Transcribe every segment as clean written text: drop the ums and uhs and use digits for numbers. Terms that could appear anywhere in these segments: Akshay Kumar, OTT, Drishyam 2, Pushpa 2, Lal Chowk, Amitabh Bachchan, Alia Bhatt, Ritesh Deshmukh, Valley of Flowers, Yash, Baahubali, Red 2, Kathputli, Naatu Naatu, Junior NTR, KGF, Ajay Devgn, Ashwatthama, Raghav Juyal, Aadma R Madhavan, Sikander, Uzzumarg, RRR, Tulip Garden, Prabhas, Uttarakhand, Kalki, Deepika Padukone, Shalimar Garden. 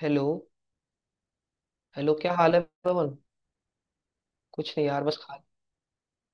Hello. Hello, क्या हाल है पवन। कुछ नहीं यार, बस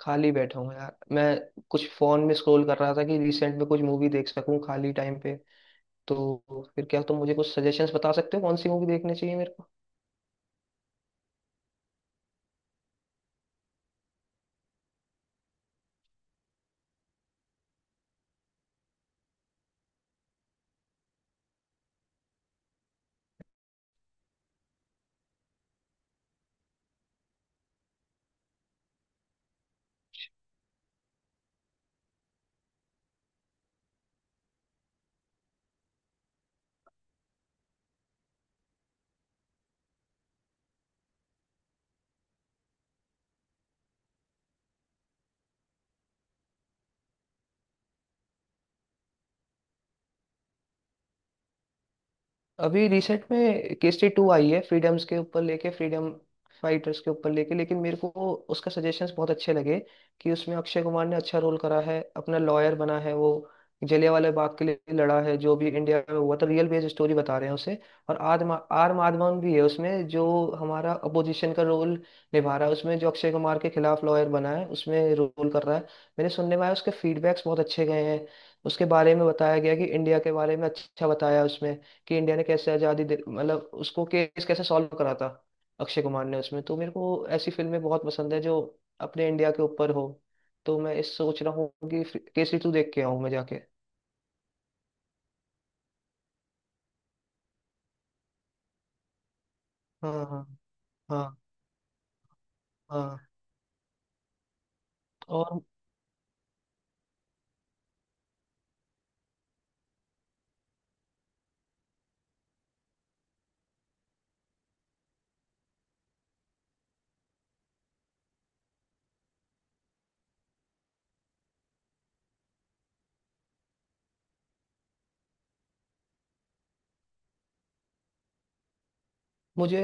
खाली बैठा हूँ यार मैं। कुछ फोन में स्क्रॉल कर रहा था कि रिसेंट में कुछ मूवी देख सकूं खाली टाइम पे। तो फिर क्या तुम मुझे कुछ सजेशंस बता सकते हो कौन सी मूवी देखनी चाहिए मेरे को। अभी रिसेंट में केसरी टू आई है फ्रीडम्स के ऊपर लेके, फ्रीडम फाइटर्स के ऊपर लेके। लेकिन मेरे को उसका सजेशंस बहुत अच्छे लगे कि उसमें अक्षय कुमार ने अच्छा रोल करा है, अपना लॉयर बना है वो, जलियांवाला बाग के लिए लड़ा है जो भी इंडिया में हुआ था, रियल बेस्ड स्टोरी बता रहे हैं उसे। और आदमा आर माधवन भी है उसमें जो हमारा अपोजिशन का रोल निभा रहा है उसमें, जो अक्षय कुमार के खिलाफ लॉयर बना है उसमें रोल कर रहा है। मैंने सुनने में आया उसके फीडबैक्स बहुत अच्छे गए हैं। उसके बारे में बताया गया कि इंडिया के बारे में अच्छा बताया उसमें, कि इंडिया ने कैसे आज़ादी दे मतलब उसको केस कैसे सॉल्व करा था अक्षय कुमार ने उसमें। तो मेरे को ऐसी फिल्में बहुत पसंद है जो अपने इंडिया के ऊपर हो। तो मैं इस सोच रहा हूँ कि केसरी टू देख के आऊँ मैं जाके। हाँ, हाँ। हाँ, हाँ। और मुझे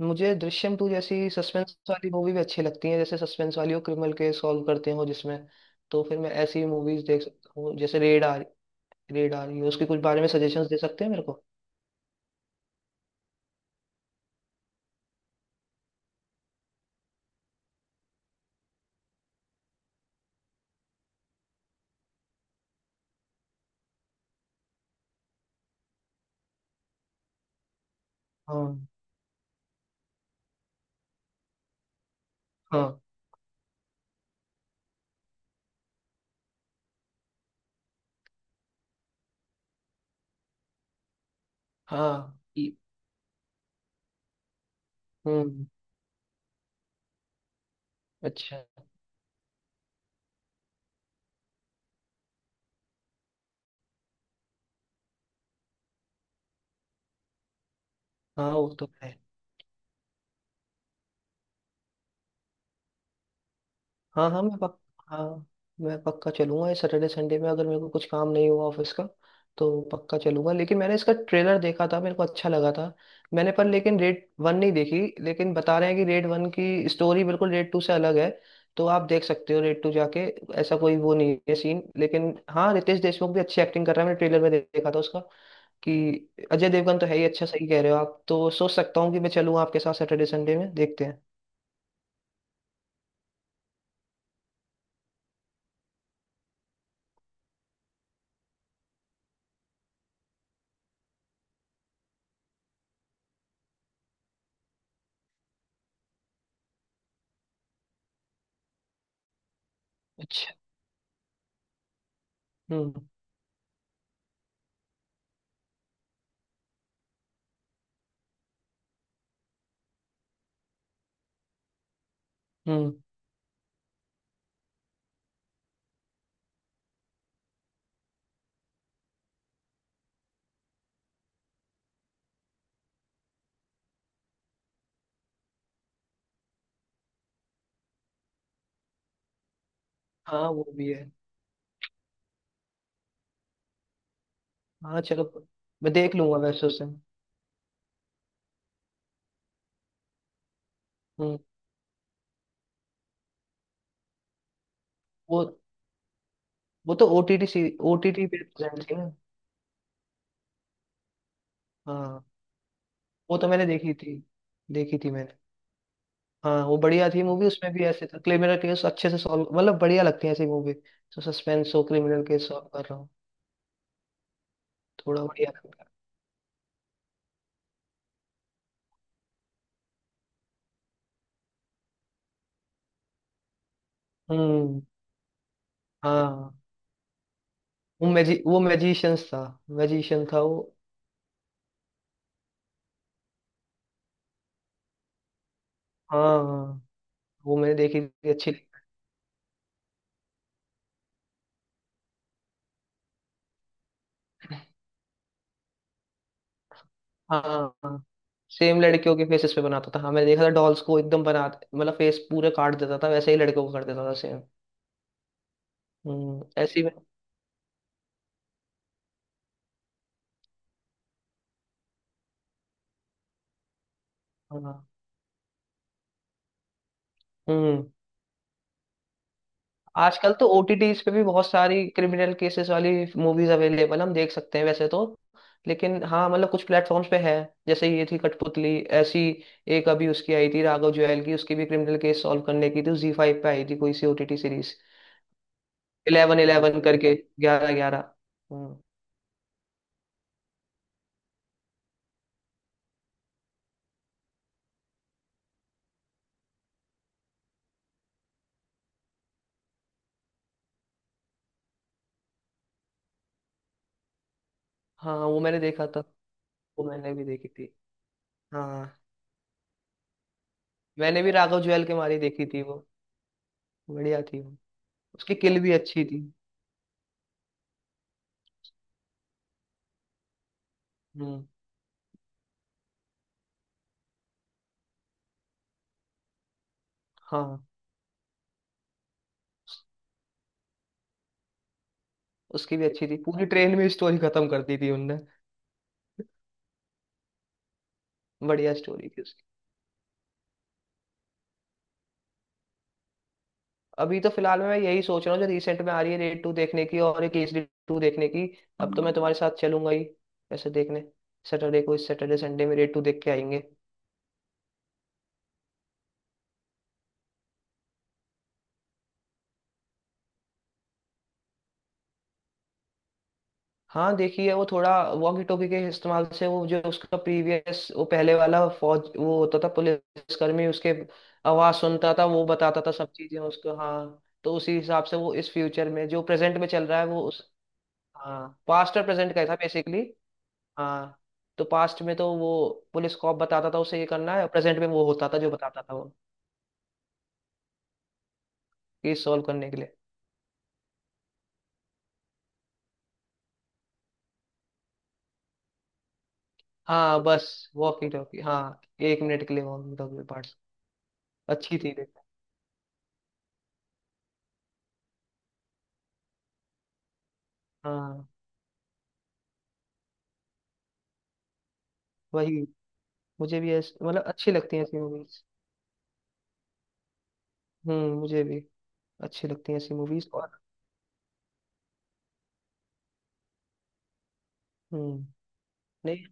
मुझे दृश्यम टू जैसी सस्पेंस वाली मूवी भी अच्छी लगती है, जैसे सस्पेंस वाली हो, क्रिमिनल केस सॉल्व करते हो जिसमें। तो फिर मैं ऐसी मूवीज देख सकता हूँ जैसे रेड आ रही है, उसके कुछ बारे में सजेशंस दे सकते हैं मेरे को। हाँ, हाँ, हाँ ये- हम्म। अच्छा। हाँ वो तो है। हाँ हाँ मैं पक हाँ, मैं पक्का चलूंगा इस सैटरडे संडे में अगर मेरे को कुछ काम नहीं हुआ ऑफिस का तो पक्का चलूंगा। लेकिन मैंने इसका ट्रेलर देखा था, मेरे को अच्छा लगा था। मैंने पर लेकिन रेड वन नहीं देखी, लेकिन बता रहे हैं कि रेड वन की स्टोरी बिल्कुल रेड टू से अलग है। तो आप देख सकते हो रेड टू जाके, ऐसा कोई वो नहीं है सीन। लेकिन हाँ, रितेश देशमुख भी अच्छी एक्टिंग कर रहा है, मैंने ट्रेलर में देखा था उसका कि। अजय देवगन तो है ही अच्छा, सही कह रहे हो आप, तो सोच सकता हूँ कि मैं चलूँ आपके साथ सैटरडे संडे में देखते हैं। अच्छा। हम्म। हम्म। हाँ वो भी है। हाँ चलो, मैं देख लूंगा वैसे उसे। हम्म। वो वो तो ओटीटी सी, ओटीटी पे प्रेजेंट थी ना। हाँ, वो तो मैंने देखी थी, देखी थी मैंने। हाँ वो बढ़िया थी मूवी, उसमें भी ऐसे था क्रिमिनल केस अच्छे से सॉल्व, मतलब बढ़िया लगती है ऐसी मूवी तो, सस्पेंस हो क्रिमिनल केस सॉल्व कर रहा हूँ थोड़ा, बढ़िया लगता है। हम्म। हाँ वो मैजिशियंस था, मैजिशियन था वो। हाँ, हाँ, वो मैंने देखी थी अच्छी। हाँ, सेम लड़कियों के फेसेस पे बनाता था। हाँ मैंने देखा था डॉल्स को एकदम बना मतलब फेस पूरे काट देता था, वैसे ही लड़कियों को कर देता था सेम। ऐसी में। हाँ। हम्म। आजकल तो ओटीटीज पे भी बहुत सारी क्रिमिनल केसेस वाली मूवीज अवेलेबल हम देख सकते हैं वैसे तो। लेकिन हाँ मतलब कुछ प्लेटफॉर्म्स पे है, जैसे ये थी कठपुतली ऐसी। एक अभी उसकी आई थी राघव जुएल की, उसकी भी क्रिमिनल केस सॉल्व करने की थी, जी फाइव पे आई थी कोई सी ओटीटी सीरीज, इलेवन इलेवन करके, ग्यारह ग्यारह। हम्म। हाँ वो मैंने देखा था। वो मैंने भी देखी थी। हाँ, मैंने भी राघव जुएल के मारी देखी थी वो, बढ़िया थी वो। उसकी किल भी अच्छी थी। हम्म। हाँ, उसकी भी अच्छी थी, पूरी ट्रेन में स्टोरी खत्म कर दी थी उनने। बढ़िया स्टोरी थी उसकी। अभी तो फिलहाल में मैं यही सोच रहा हूँ जो रिसेंट में आ रही है रेड टू देखने की और एक केसरी टू देखने की। अब तो मैं तुम्हारे साथ चलूंगा ही वैसे देखने, सैटरडे को, इस सैटरडे संडे में रेड टू देख के आएंगे। हाँ देखिए वो थोड़ा वॉकी टॉकी के इस्तेमाल से, वो जो उसका प्रीवियस वो पहले वाला फौज वो होता था पुलिसकर्मी, उसके आवाज सुनता था वो, बताता था सब चीजें उसको। हाँ तो उसी हिसाब से वो इस फ्यूचर में जो प्रेजेंट में चल रहा है वो उस। हाँ पास्ट और प्रेजेंट का ही था बेसिकली। हाँ, तो पास्ट में तो वो पुलिस कॉप बताता था उसे ये करना है, प्रेजेंट में वो होता था जो बताता था वो, केस सॉल्व करने के लिए। हाँ बस, वॉकी टॉकी, हाँ। 1 मिनट के लिए वॉकी टॉकी पार्ट। अच्छी थी देखो। हाँ वही, मुझे भी ऐस मतलब अच्छी लगती हैं ऐसी मूवीज। मुझे भी अच्छी लगती हैं ऐसी मूवीज और। हम्म। नहीं,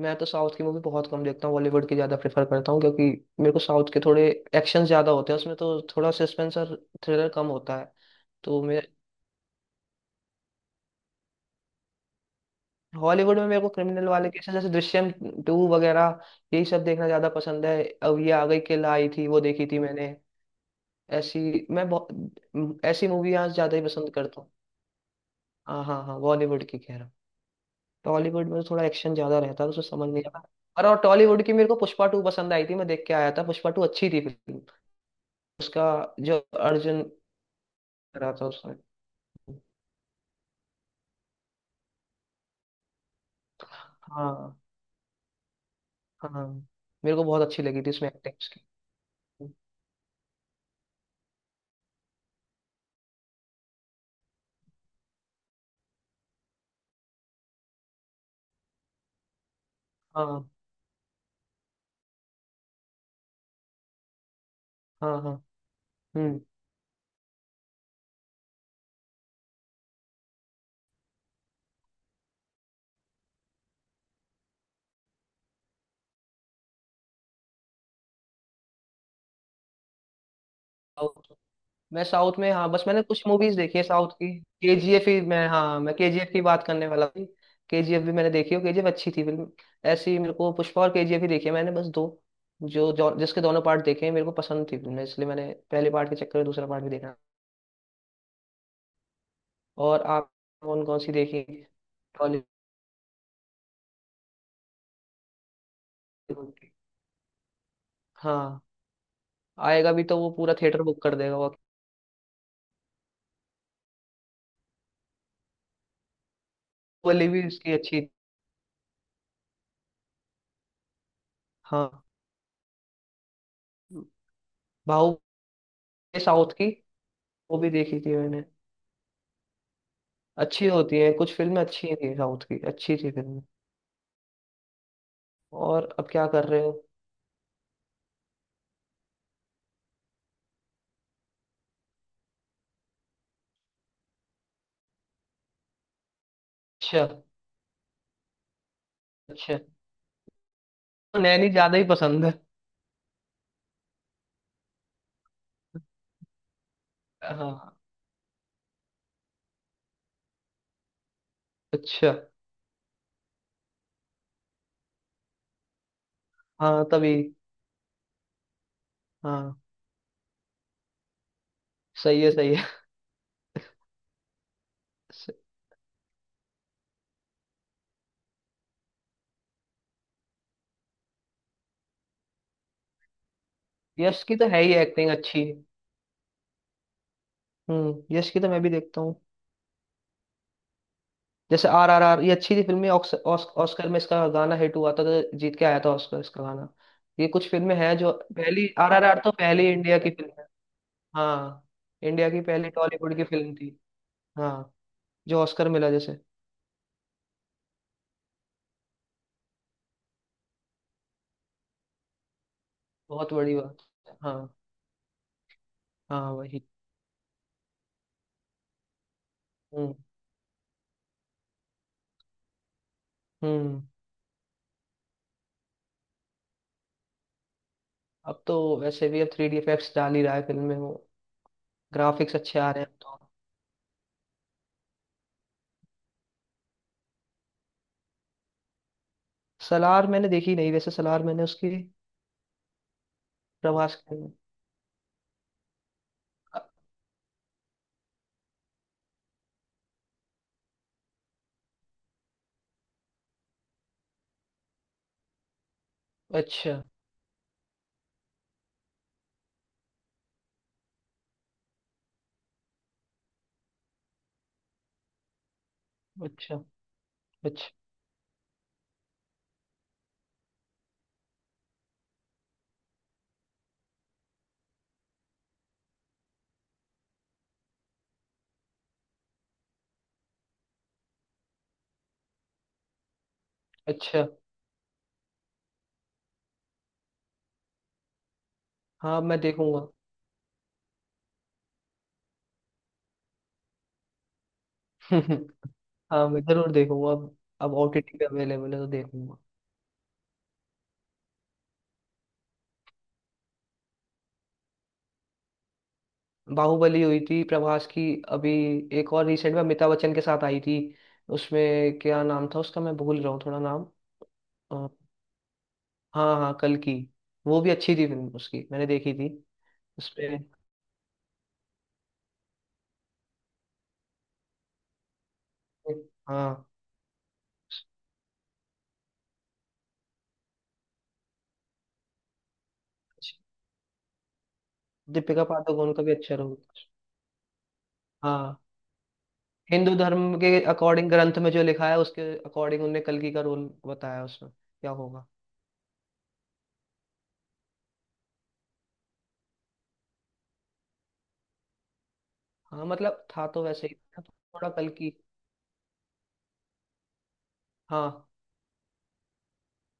मैं तो साउथ की मूवी बहुत कम देखता हूँ, बॉलीवुड की ज्यादा प्रेफर करता हूँ, क्योंकि मेरे को साउथ के थोड़े एक्शन ज्यादा होते हैं उसमें, तो थोड़ा सस्पेंस और थ्रिलर कम होता है। तो मैं हॉलीवुड में मेरे को क्रिमिनल वाले केसेस जैसे दृश्यम टू वगैरह, यही सब देखना ज्यादा पसंद है। अब ये आ गई किल आई थी, वो देखी थी मैंने। ऐसी मैं बहुत ऐसी मूवी आज ज्यादा ही पसंद करता हूँ। हाँ, हाँ, हाँ बॉलीवुड की कह रहा हूँ। टॉलीवुड में तो थोड़ा एक्शन ज्यादा रहता है तो उसमें समझ नहीं आता। और टॉलीवुड की मेरे को पुष्पा टू पसंद आई थी, मैं देख के आया था, पुष्पा टू अच्छी थी फिल्म। उसका जो अर्जुन रहा था उसमें। हाँ, हाँ। मेरे को बहुत अच्छी लगी थी उसमें एक्टिंग उसकी। हाँ, हाँ, हाँ। हम्म मैं साउथ में, हाँ बस मैंने कुछ मूवीज देखी है साउथ की, केजीएफ ही, मैं हाँ मैं केजीएफ की बात करने वाला थी। केजीएफ भी मैंने देखी हो, केजीएफ अच्छी थी फिल्म। ऐसी मेरे को पुष्पा और केजीएफ ही देखी है मैंने, बस दो जो, जो जिसके दोनों पार्ट देखे हैं, मेरे को पसंद थी फिल्म इसलिए मैंने पहले पार्ट के चक्कर में दूसरा पार्ट भी देखा। और आप कौन कौन सी देखी टॉलीवुड की। हाँ, आएगा भी तो वो पूरा थिएटर बुक कर देगा वो। वाली भी इसकी अच्छी। हाँ, बाहुबली, साउथ की, वो भी देखी थी मैंने। अच्छी होती है कुछ फिल्में, अच्छी ही थी साउथ की, अच्छी थी फिल्में। और अब क्या कर रहे हो। अच्छा। अच्छा, तो नैनी ज्यादा ही पसंद है। हाँ। अच्छा। हाँ तभी। हाँ, सही है सही है। स- यश की तो है ही एक्टिंग अच्छी। यश की तो मैं भी देखता हूँ, जैसे आर आर आर, ये अच्छी थी फिल्में। ऑस्कर में इसका गाना हिट हुआ था, तो जीत के आया था ऑस्कर इसका गाना। ये कुछ फिल्में हैं जो पहली, आर आर आर तो पहली इंडिया की फिल्म है। हाँ, इंडिया की पहली टॉलीवुड की फिल्म थी। हाँ जो ऑस्कर मिला जैसे। बहुत बड़ी बात है। हाँ, हाँ वही। हम्म। हम्म। अब तो वैसे भी अब थ्री डी इफेक्ट्स डाल ही रहा है फिल्म में वो, ग्राफिक्स अच्छे आ रहे हैं तो। सलार मैंने देखी नहीं वैसे, सलार मैंने उसकी, प्रभास की। अ- अच्छा। अच्छा। अच्छा। अच्छा। हाँ मैं देखूंगा। हाँ मैं जरूर देखूंगा अब ओटीटी पे अवेलेबल है तो देखूंगा। बाहुबली हुई थी प्रभास की। अभी एक और रिसेंट में अमिताभ बच्चन के साथ आई थी, उसमें क्या नाम था उसका मैं भूल रहा हूँ थोड़ा, नाम। हाँ हाँ कल की। वो भी अच्छी थी फिल्म उसकी, मैंने देखी थी उसपे। हाँ दीपिका पादुकोण का भी अच्छा रोल। हाँ हिंदू धर्म के अकॉर्डिंग ग्रंथ में जो लिखा है, उसके अकॉर्डिंग उनने कल्कि का रोल बताया, उसमें क्या होगा। हाँ मतलब था तो वैसे ही था, तो थोड़ा कल्कि। हाँ,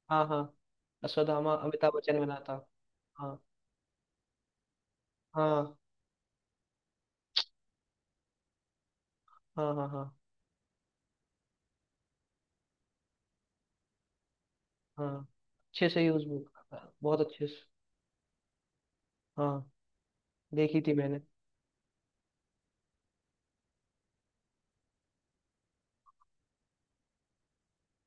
हाँ। हाँ अश्वत्थामा अमिताभ बच्चन बना था। हाँ। हाँ, हाँ। हाँ, हाँ। हाँ अच्छे से यूज भी हुआ था, बहुत अच्छे से। हाँ। देखी थी मैंने।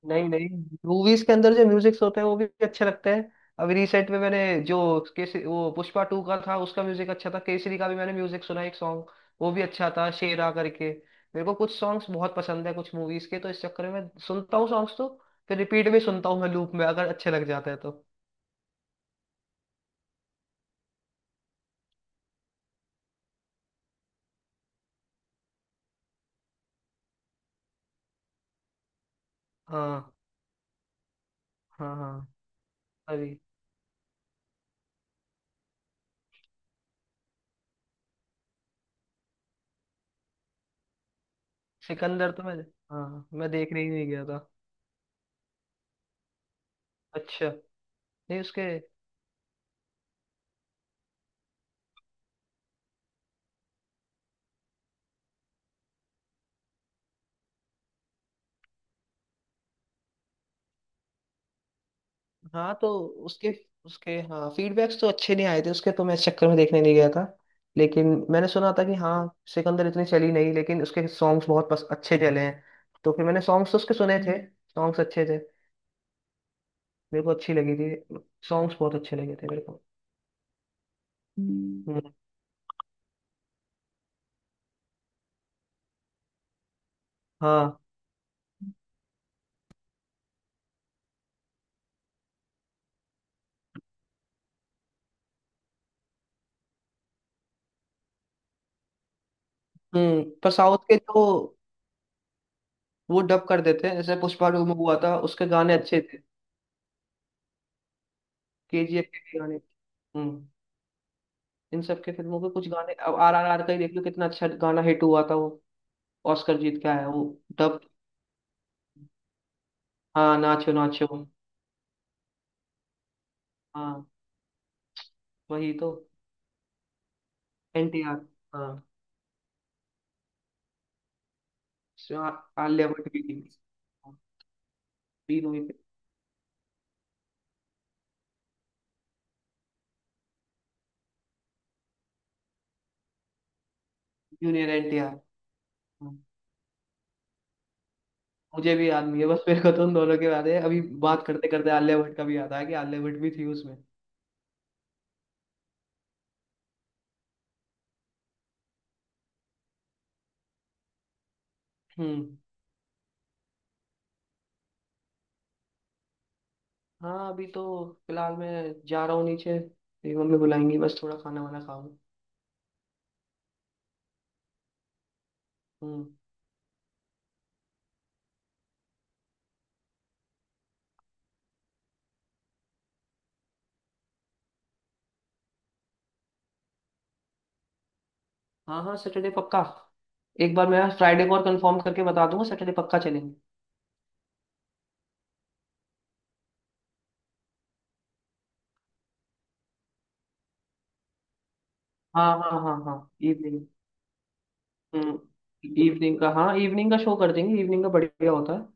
नहीं, नहीं, मूवीज के अंदर जो म्यूजिक्स होते हैं वो भी अच्छे लगते हैं। अभी रिसेंट में मैंने जो केसरी, वो पुष्पा टू का था उसका म्यूजिक अच्छा था, केसरी का भी मैंने म्यूजिक सुना एक सॉन्ग, वो भी अच्छा था शेरा करके। मेरे को कुछ सॉन्ग्स बहुत पसंद है कुछ मूवीज के, तो इस चक्कर में मैं सुनता हूँ सॉन्ग्स तो, फिर रिपीट में सुनता हूँ मैं लूप में अगर अच्छे लग जाते हैं तो। हाँ, हाँ, हाँ। अभी सिकंदर तो मैं, हाँ मैं देखने ही नहीं गया था। अच्छा। नहीं उसके। हाँ तो उसके, उसके फीडबैक्स तो अच्छे नहीं आए थे उसके, तो मैं इस चक्कर में देखने नहीं गया था, लेकिन मैंने सुना था कि हाँ सिकंदर इतनी चली नहीं लेकिन उसके सॉन्ग्स बहुत अच्छे चले हैं, तो फिर मैंने सॉन्ग्स तो उसके सुने थे, सॉन्ग्स अच्छे थे, मेरे को अच्छी लगी थी, सॉन्ग्स बहुत अच्छे लगे थे मेरे को। हम्म। हम्म। हाँ। पर साउथ के जो वो डब कर देते हैं, जैसे पुष्पा टू में हुआ था, उसके गाने अच्छे थे। केजीएफ के भी गाने, हम्म, इन सब के फिल्मों के कुछ गाने, अब आर आर आर का ही देख लो कितना अच्छा गाना हिट हुआ था वो, ऑस्कर जीत के आया वो। तब। हाँ नाचो नाचो। हाँ वही तो। एनटीआर, हाँ। इसमें आलिया भट्ट भी थी। हाँ, तीनों ही। जूनियर एनटीआर। मुझे भी याद नहीं है, बस मेरे को तो उन दोनों के याद है अभी। बात करते करते आलिया भट्ट का भी याद आया कि आलिया भट्ट भी थी उसमें। हम्म। हाँ अभी तो फिलहाल मैं जा रहा हूँ नीचे, मेरी मम्मी बुलाएंगी बस, थोड़ा खाना वाना खाऊं। हम्म। हाँ हाँ, सैटरडे पक्का, एक बार मैं फ्राइडे को और कंफर्म करके बता दूंगा, सैटरडे पक्का चलेंगे। हाँ, हाँ, हाँ, हाँ। ईद, इवनिंग का, हाँ इवनिंग का शो कर देंगे, इवनिंग का बढ़िया होता है।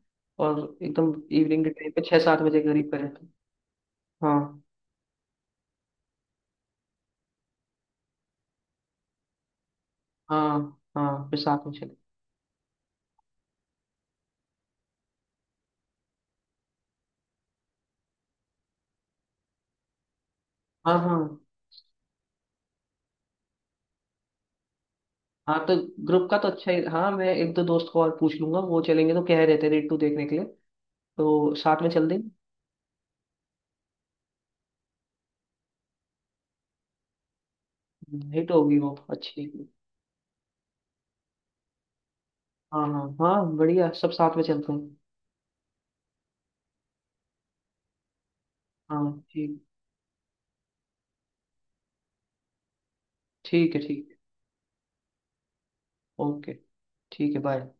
और एकदम इवनिंग के टाइम पे 6-7 बजे के करीब करें तो। हाँ, हाँ, हाँ फिर साथ में चले। हाँ, हाँ, हाँ तो ग्रुप का तो अच्छा ही, हाँ मैं एक दो दोस्त को और पूछ लूंगा, वो चलेंगे, तो कह रहे थे रेट टू देखने के लिए, तो साथ में चल देंगे। हिट होगी वो अच्छी। हाँ, हाँ, हाँ बढ़िया, सब साथ में चलते हैं। हाँ, ठीक। ठीक है। ठीक है ओके। ठीक है, बाय।